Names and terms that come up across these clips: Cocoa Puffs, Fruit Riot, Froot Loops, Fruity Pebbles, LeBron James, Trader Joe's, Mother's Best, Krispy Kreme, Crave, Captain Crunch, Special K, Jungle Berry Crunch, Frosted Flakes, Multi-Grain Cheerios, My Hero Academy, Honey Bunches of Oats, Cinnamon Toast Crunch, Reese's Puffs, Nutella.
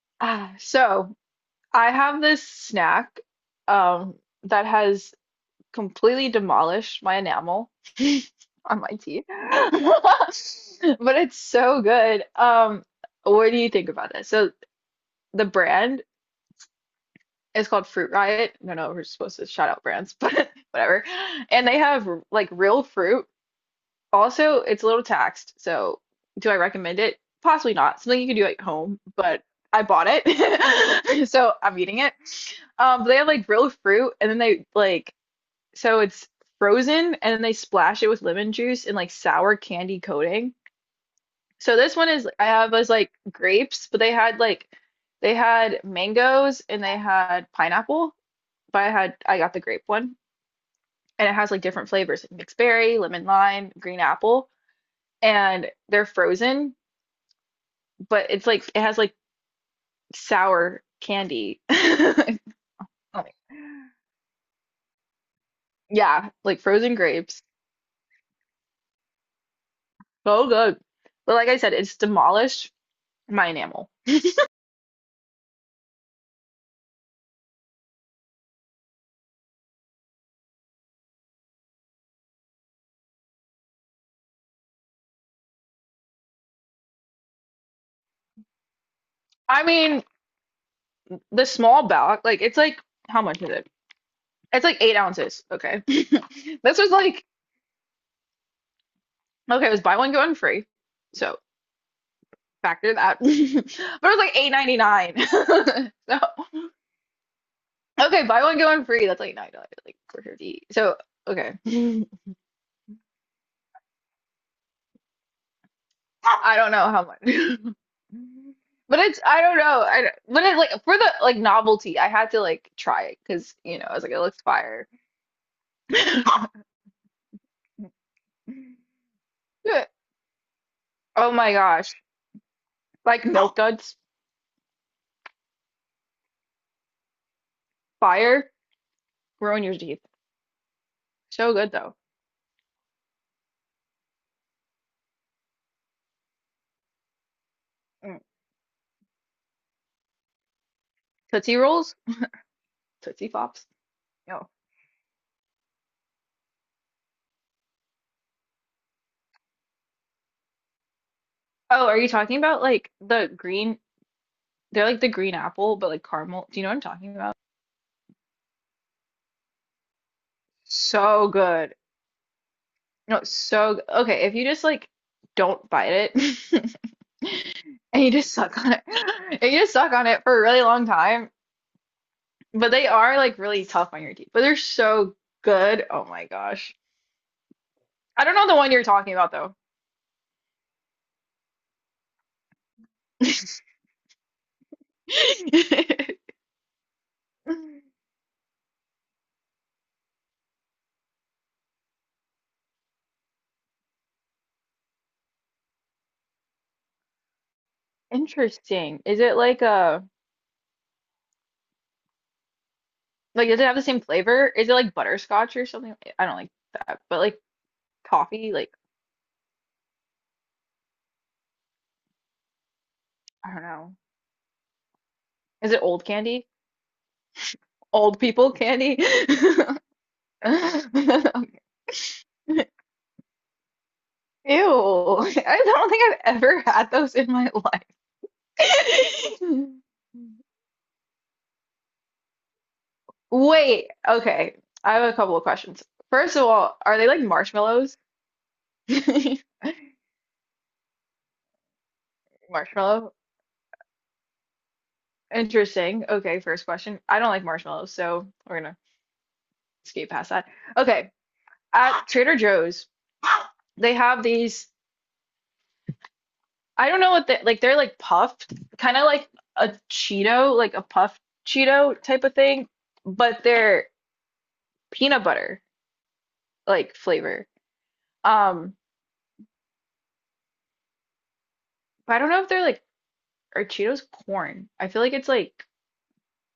Ah, so I have this snack um that has completely demolished my enamel on my teeth. But it's so good. What do you think about it? So the brand is called Fruit Riot. I don't know if we're supposed to shout out brands, but whatever. And they have like real fruit. Also, it's a little taxed, so do I recommend it? Possibly not. Something you can do at home, but I bought it, so I'm eating it. But they have like real fruit, and then they like so it's frozen, and then they splash it with lemon juice and like sour candy coating. So this one is I have was like grapes, but they had mangoes and they had pineapple, but I got the grape one, and it has like different flavors like mixed berry, lemon lime, green apple, and they're frozen, but it's like it has like sour candy. Yeah, like frozen grapes. So good. But like I said, it's demolished my enamel. I mean, the small box, like it's like how much is it? It's like 8 oz. Okay. This was like okay, it was buy one, get one free. So factor that. But it was like 8.99. So okay, buy one, get one free. That's like $9, like 4.50. So okay. I don't know how much. But it's I don't know. I don't- but it like for the like novelty, I had to like try it because you know I was like it looks fire. Oh my gosh, like milk duds, fire, ruin your teeth. So good though. Mm. Tootsie rolls, Tootsie Flops. No. Oh, are you talking about like the green? They're like the green apple, but like caramel. Do you know what I'm talking about? So good. No, it's so g- okay. If you just like don't bite it, and you just suck on it, and you just suck on it for a really long time, but they are like really tough on your teeth, but they're so good. Oh my gosh. I don't know the one you're talking about though. Interesting. Is it like a like does it have the same flavor? Is it like butterscotch or something? I don't like that, but like coffee, like I don't know. Is it old candy? Old people candy? Ew. I don't think I've ever had those in my life. Wait, okay. I have a couple of questions. First of all, are they like marshmallows? Marshmallow? Interesting. Okay, first question. I don't like marshmallows, so we're gonna skate past that. Okay, at Trader Joe's, they have these, I don't know what they like, they're like puffed, kind of like a Cheeto, like a puffed Cheeto type of thing, but they're peanut butter, like flavor. Um, but I don't know if they're like are Cheetos corn? I feel like it's like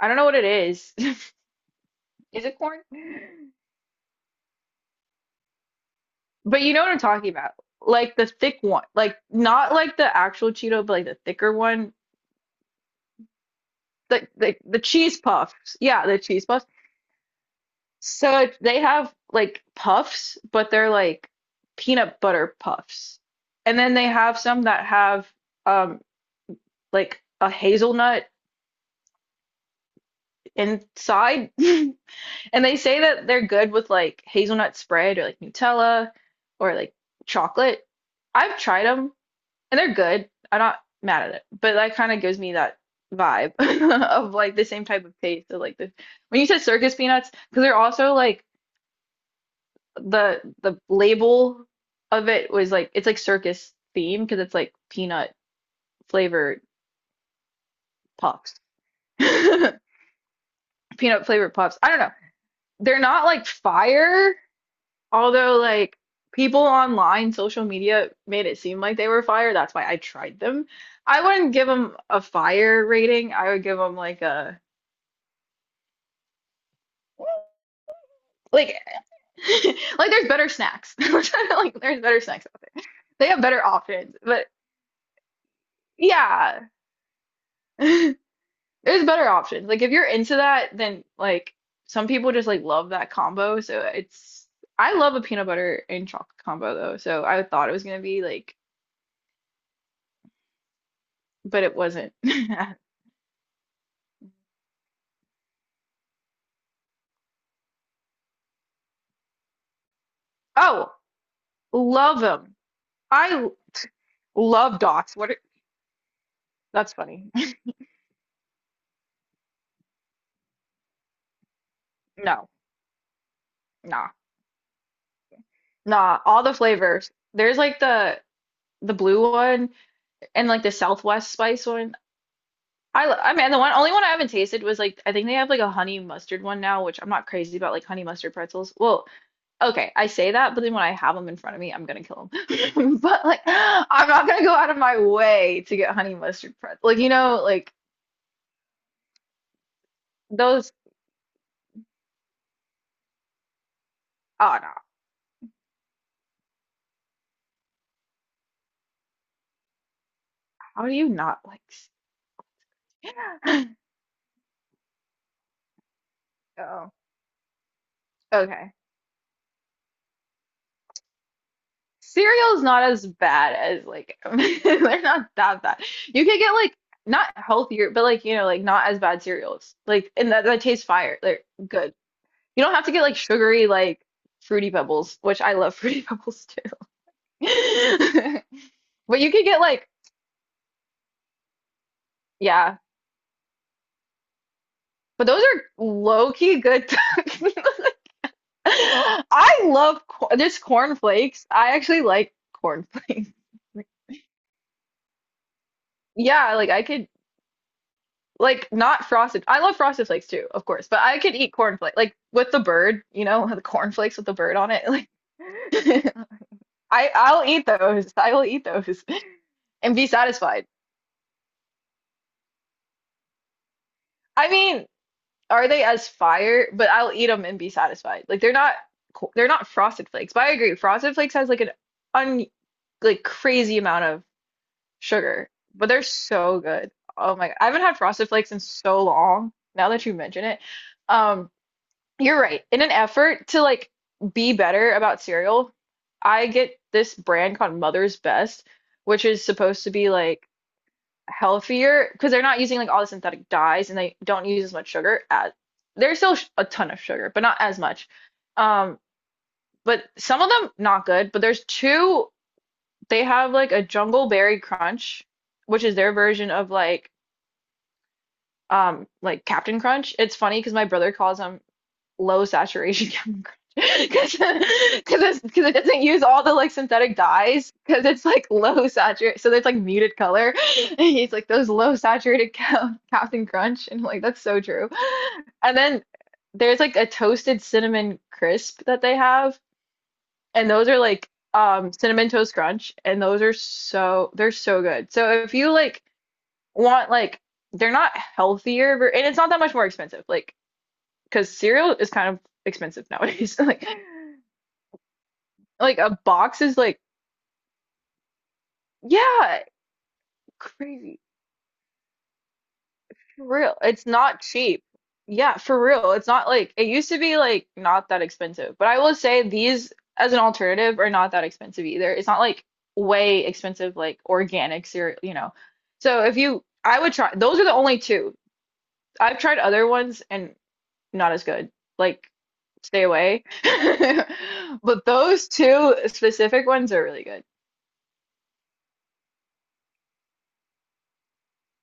I don't know what it is. Is it corn? But you know what I'm talking about. Like the thick one. Like not like the actual Cheeto, but like the thicker one. Like the cheese puffs. Yeah, the cheese puffs. So they have like puffs, but they're like peanut butter puffs. And then they have some that have um like a hazelnut inside. And they say that they're good with like hazelnut spread or like Nutella or like chocolate. I've tried them and they're good. I'm not mad at it, but that kind of gives me that vibe of like the same type of taste. So like the when you said circus peanuts, because they're also like the label of it was like it's like circus theme because it's like peanut flavored puffs, peanut flavored puffs. I don't know. They're not like fire. Although, like, people online, social media made it seem like they were fire. That's why I tried them. I wouldn't give them a fire rating. I would give them like a like like there's better snacks. I'm trying to, like there's better snacks out there. They have better options. But yeah, there's better options. Like if you're into that, then like some people just like love that combo. So it's I love a peanut butter and chocolate combo though. So I thought it was gonna be like, but it wasn't. Oh, love them. I love dots. What are, that's funny. No, nah, nah. All the flavors. There's like the blue one and like the Southwest spice one. I lo- I mean the one only one I haven't tasted was like I think they have like a honey mustard one now, which I'm not crazy about like honey mustard pretzels. Well, okay, I say that, but then when I have them in front of me, I'm gonna kill them. But like I'm not gonna go out of my way to get honey mustard pretzels. Like you know, like those. Oh no, how do you not like? Oh. Okay. Cereal's not as bad as like they're not that bad. You could get like not healthier, but like you know, like not as bad cereals. Like and that tastes fire. They're good. You don't have to get like sugary like fruity pebbles, which I love fruity pebbles too. But you could get like yeah, but those are low key good. I love cor- just corn flakes. I actually like corn flakes. Yeah, like I could. Like not frosted. I love frosted flakes too, of course, but I could eat cornflakes like with the bird, you know, the cornflakes with the bird on it. Like I'll eat those. I will eat those and be satisfied. I mean, are they as fire? But I'll eat them and be satisfied. Like they're not co- they're not frosted flakes. But I agree, frosted flakes has like an un like crazy amount of sugar, but they're so good. Oh my God. I haven't had frosted flakes in so long, now that you mention it. Um You're right. In an effort to like be better about cereal, I get this brand called Mother's Best, which is supposed to be like healthier because they're not using like all the synthetic dyes and they don't use as much sugar as there's still sh- a ton of sugar, but not as much. Um, but some of them not good, but there's two they have like a Jungle Berry Crunch, which is their version of like Captain Crunch. It's funny because my brother calls them low saturation Captain because because it doesn't use all the like synthetic dyes because it's like low saturated so it's like muted color and he's like those low saturated Cap- Captain Crunch and I'm like that's so true. And then there's like a toasted cinnamon crisp that they have and those are like cinnamon toast crunch and those are so they're so good so if you like want like they're not healthier ver- and it's not that much more expensive like because cereal is kind of expensive nowadays. Like a box is like, yeah, crazy. For real. It's not cheap. Yeah, for real. It's not like it used to be like not that expensive. But I will say these as an alternative are not that expensive either. It's not like way expensive like organic cereal, you know. So if you I would try those are the only two. I've tried other ones and not as good. Like stay away. But those two specific ones are really good.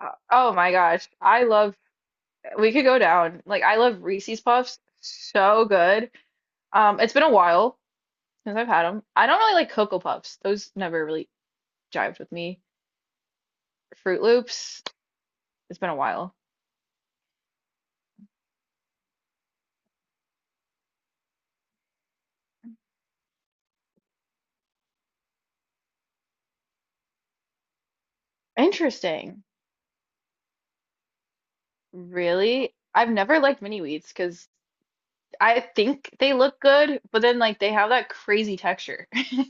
Oh my gosh. I love we could go down. Like I love Reese's Puffs so good. It's been a while since I've had them. I don't really like Cocoa Puffs. Those never really jived with me. Fruit Loops, it's been a while. Interesting. Really? I've never liked mini wheats because I think they look good, but then like they have that crazy texture.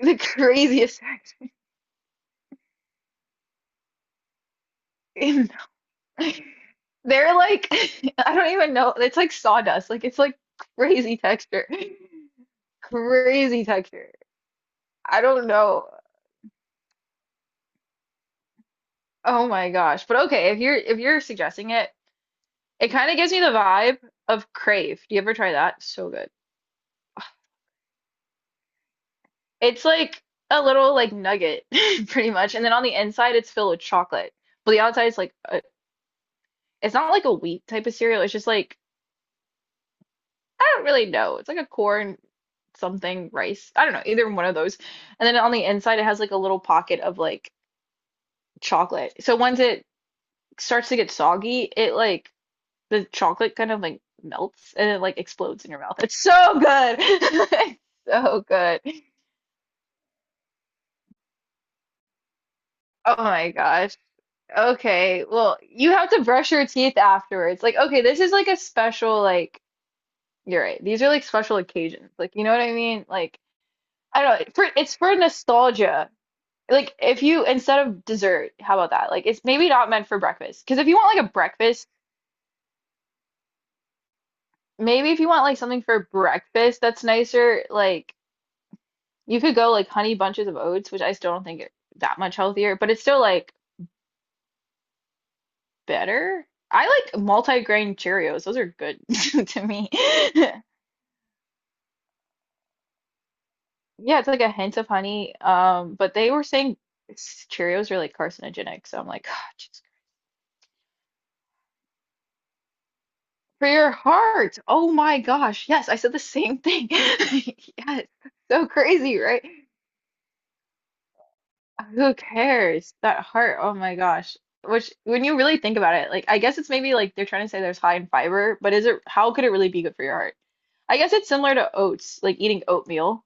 The craziest they're like I don't even know. It's like sawdust. Like it's like crazy texture. Crazy texture. I don't know. Oh my gosh. But okay, if you're suggesting it, it kind of gives me the vibe of Crave. Do you ever try that? So good. It's like a little like nugget pretty much, and then on the inside it's filled with chocolate. But the outside is like a, it's not like a wheat type of cereal. It's just like I don't really know. It's like a corn something rice. I don't know, either one of those. And then on the inside it has like a little pocket of like chocolate. So once it starts to get soggy, it like the chocolate kind of like melts and it like explodes in your mouth. It's so good. It's so good. Oh my gosh. Okay. Well, you have to brush your teeth afterwards. Like, okay, this is like a special like you're right. These are like special occasions. Like, you know what I mean? Like, I don't know. For it's for nostalgia. Like, if you instead of dessert, how about that? Like, it's maybe not meant for breakfast. Because if you want like a breakfast, maybe if you want like something for breakfast that's nicer, like you could go like honey bunches of oats, which I still don't think it that much healthier, but it's still like better. I like multi-grain Cheerios. Those are good to me. Yeah, it's like a hint of honey. But they were saying Cheerios are like carcinogenic, so I'm like, oh, Jesus. For your heart. Oh my gosh. Yes, I said the same thing. Yes. So crazy, right? Who cares? That heart, oh my gosh. Which, when you really think about it, like, I guess it's maybe like they're trying to say there's high in fiber, but is it, how could it really be good for your heart? I guess it's similar to oats, like eating oatmeal.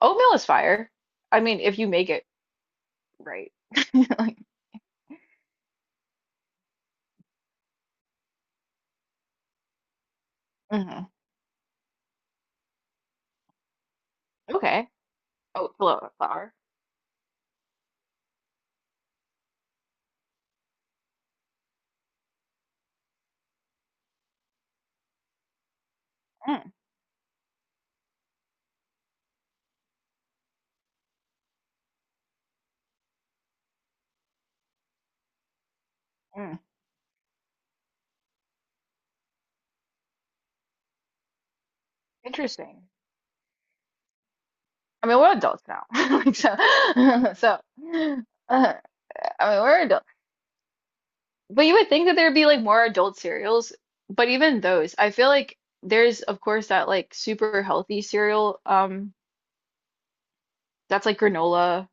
Oatmeal is fire. I mean, if you make it right. Like, mhm. Okay. Flour. Mm, mm. Interesting. I mean, we're adults now. Like, so, so, uh, I mean, we're adults. But you would think that there'd be like more adult cereals, but even those, I feel like there's of course that like super healthy cereal, that's like granola,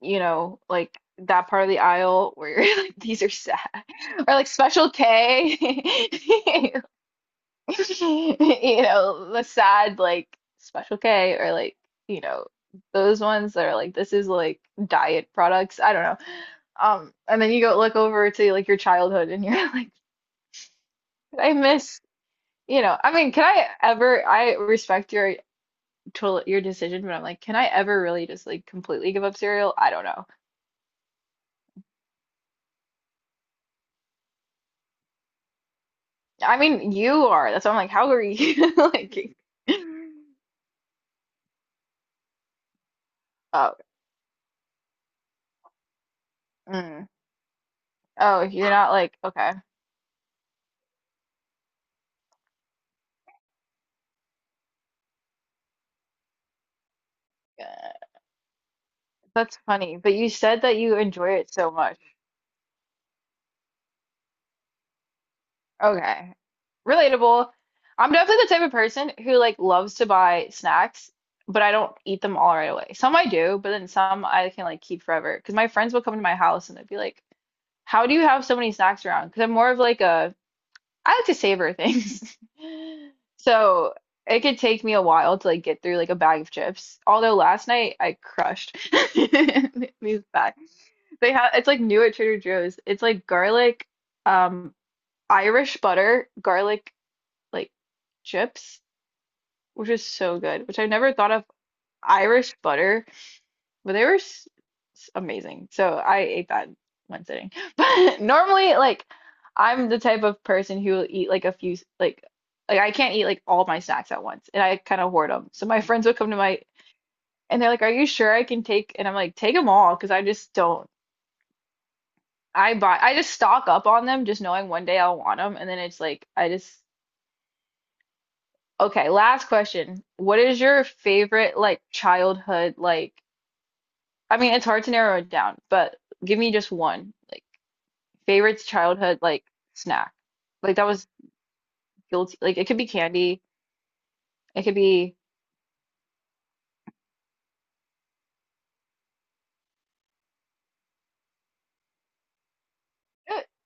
you know, like that part of the aisle where you're like these are sad, or like Special K, you know, the sad like Special K, or like you know those ones that are like this is like diet products. I don't know. And then you go look over to like your childhood and you're like, I miss you know, I mean, can I ever? I respect your total your decision, but I'm like, can I ever really just like completely give up cereal? I don't know. I mean, you are. That's why I'm like, how are you? Like, oh, mm. Oh, you're not like okay. Uh, That's funny. But you said that you enjoy it so much. Okay. Relatable. I'm definitely the type of person who like loves to buy snacks, but I don't eat them all right away. Some I do, but then some I can like keep forever. Because my friends will come to my house and they'd be like, "How do you have so many snacks around?" Because I'm more of like a I like to savor things. So it could take me a while to like get through like a bag of chips. Although last night I crushed these bags. They have it's like new at Trader Joe's. It's like garlic, um, Irish butter, garlic like chips, which is so good, which I never thought of Irish butter, but they were amazing. So I ate that in one sitting. But normally, like I'm the type of person who will eat like like I can't eat like all my snacks at once, and I kind of hoard them. So my friends would come to my and they're like, "Are you sure I can take?" And I'm like, "Take them all," because I just don't. I just stock up on them, just knowing one day I'll want them, and then it's like I just okay, last question. What is your favorite like childhood like I mean it's hard to narrow it down, but give me just one. Like favorite childhood like snack. Like that was guilty. Like it could be candy. It could be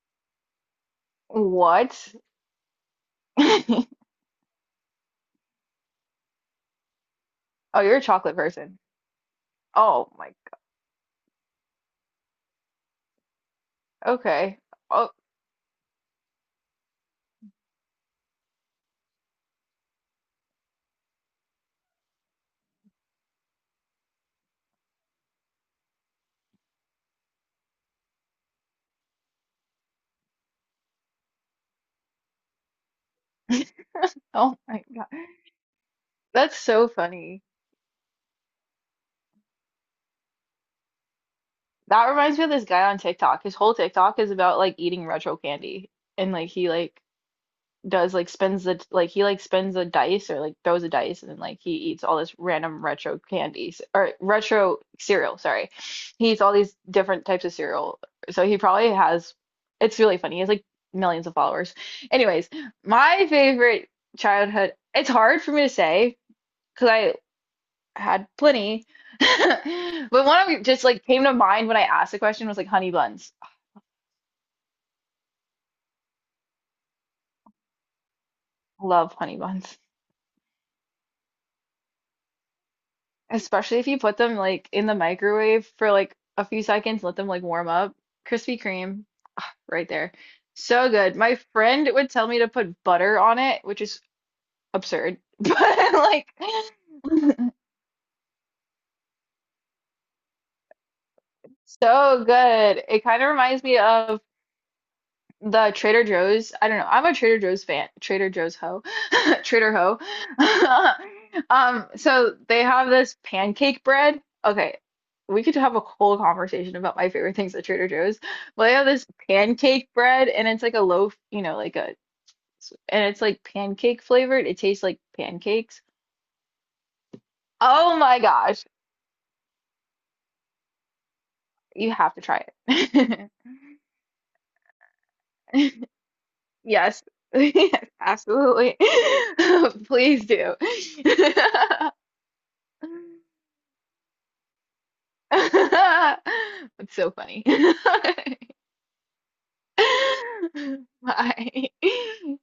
what? Oh, you're a chocolate person. Oh my. Okay. Oh, oh my God. That's so funny. That reminds me of this guy on TikTok. His whole TikTok is about like eating retro candy and like he like does like spends the like he like spins the dice or like throws a dice and then like he eats all this random retro candies or retro cereal, sorry. He eats all these different types of cereal. So he probably has it's really funny. He has like millions of followers. Anyways, my favorite childhood it's hard for me to say because I had plenty. But one of them just like came to mind when I asked the question was like honey buns. I love honey buns. Especially if you put them like in the microwave for like a few seconds, let them like warm up. Krispy Kreme right there. So good. My friend would tell me to put butter on it, which is absurd, but like so good. It kind of reminds me of the Trader Joe's, I don't know. I'm a Trader Joe's fan. Trader Joe's hoe. Trader hoe. So they have this pancake bread. Okay, we could have a whole conversation about my favorite things at Trader Joe's. But they have this pancake bread and it's like a loaf, you know, like a and it's like pancake flavored. It tastes like pancakes. Oh my gosh. You have to try it. Yes. Yes, absolutely. Please do. It's so funny. Bye.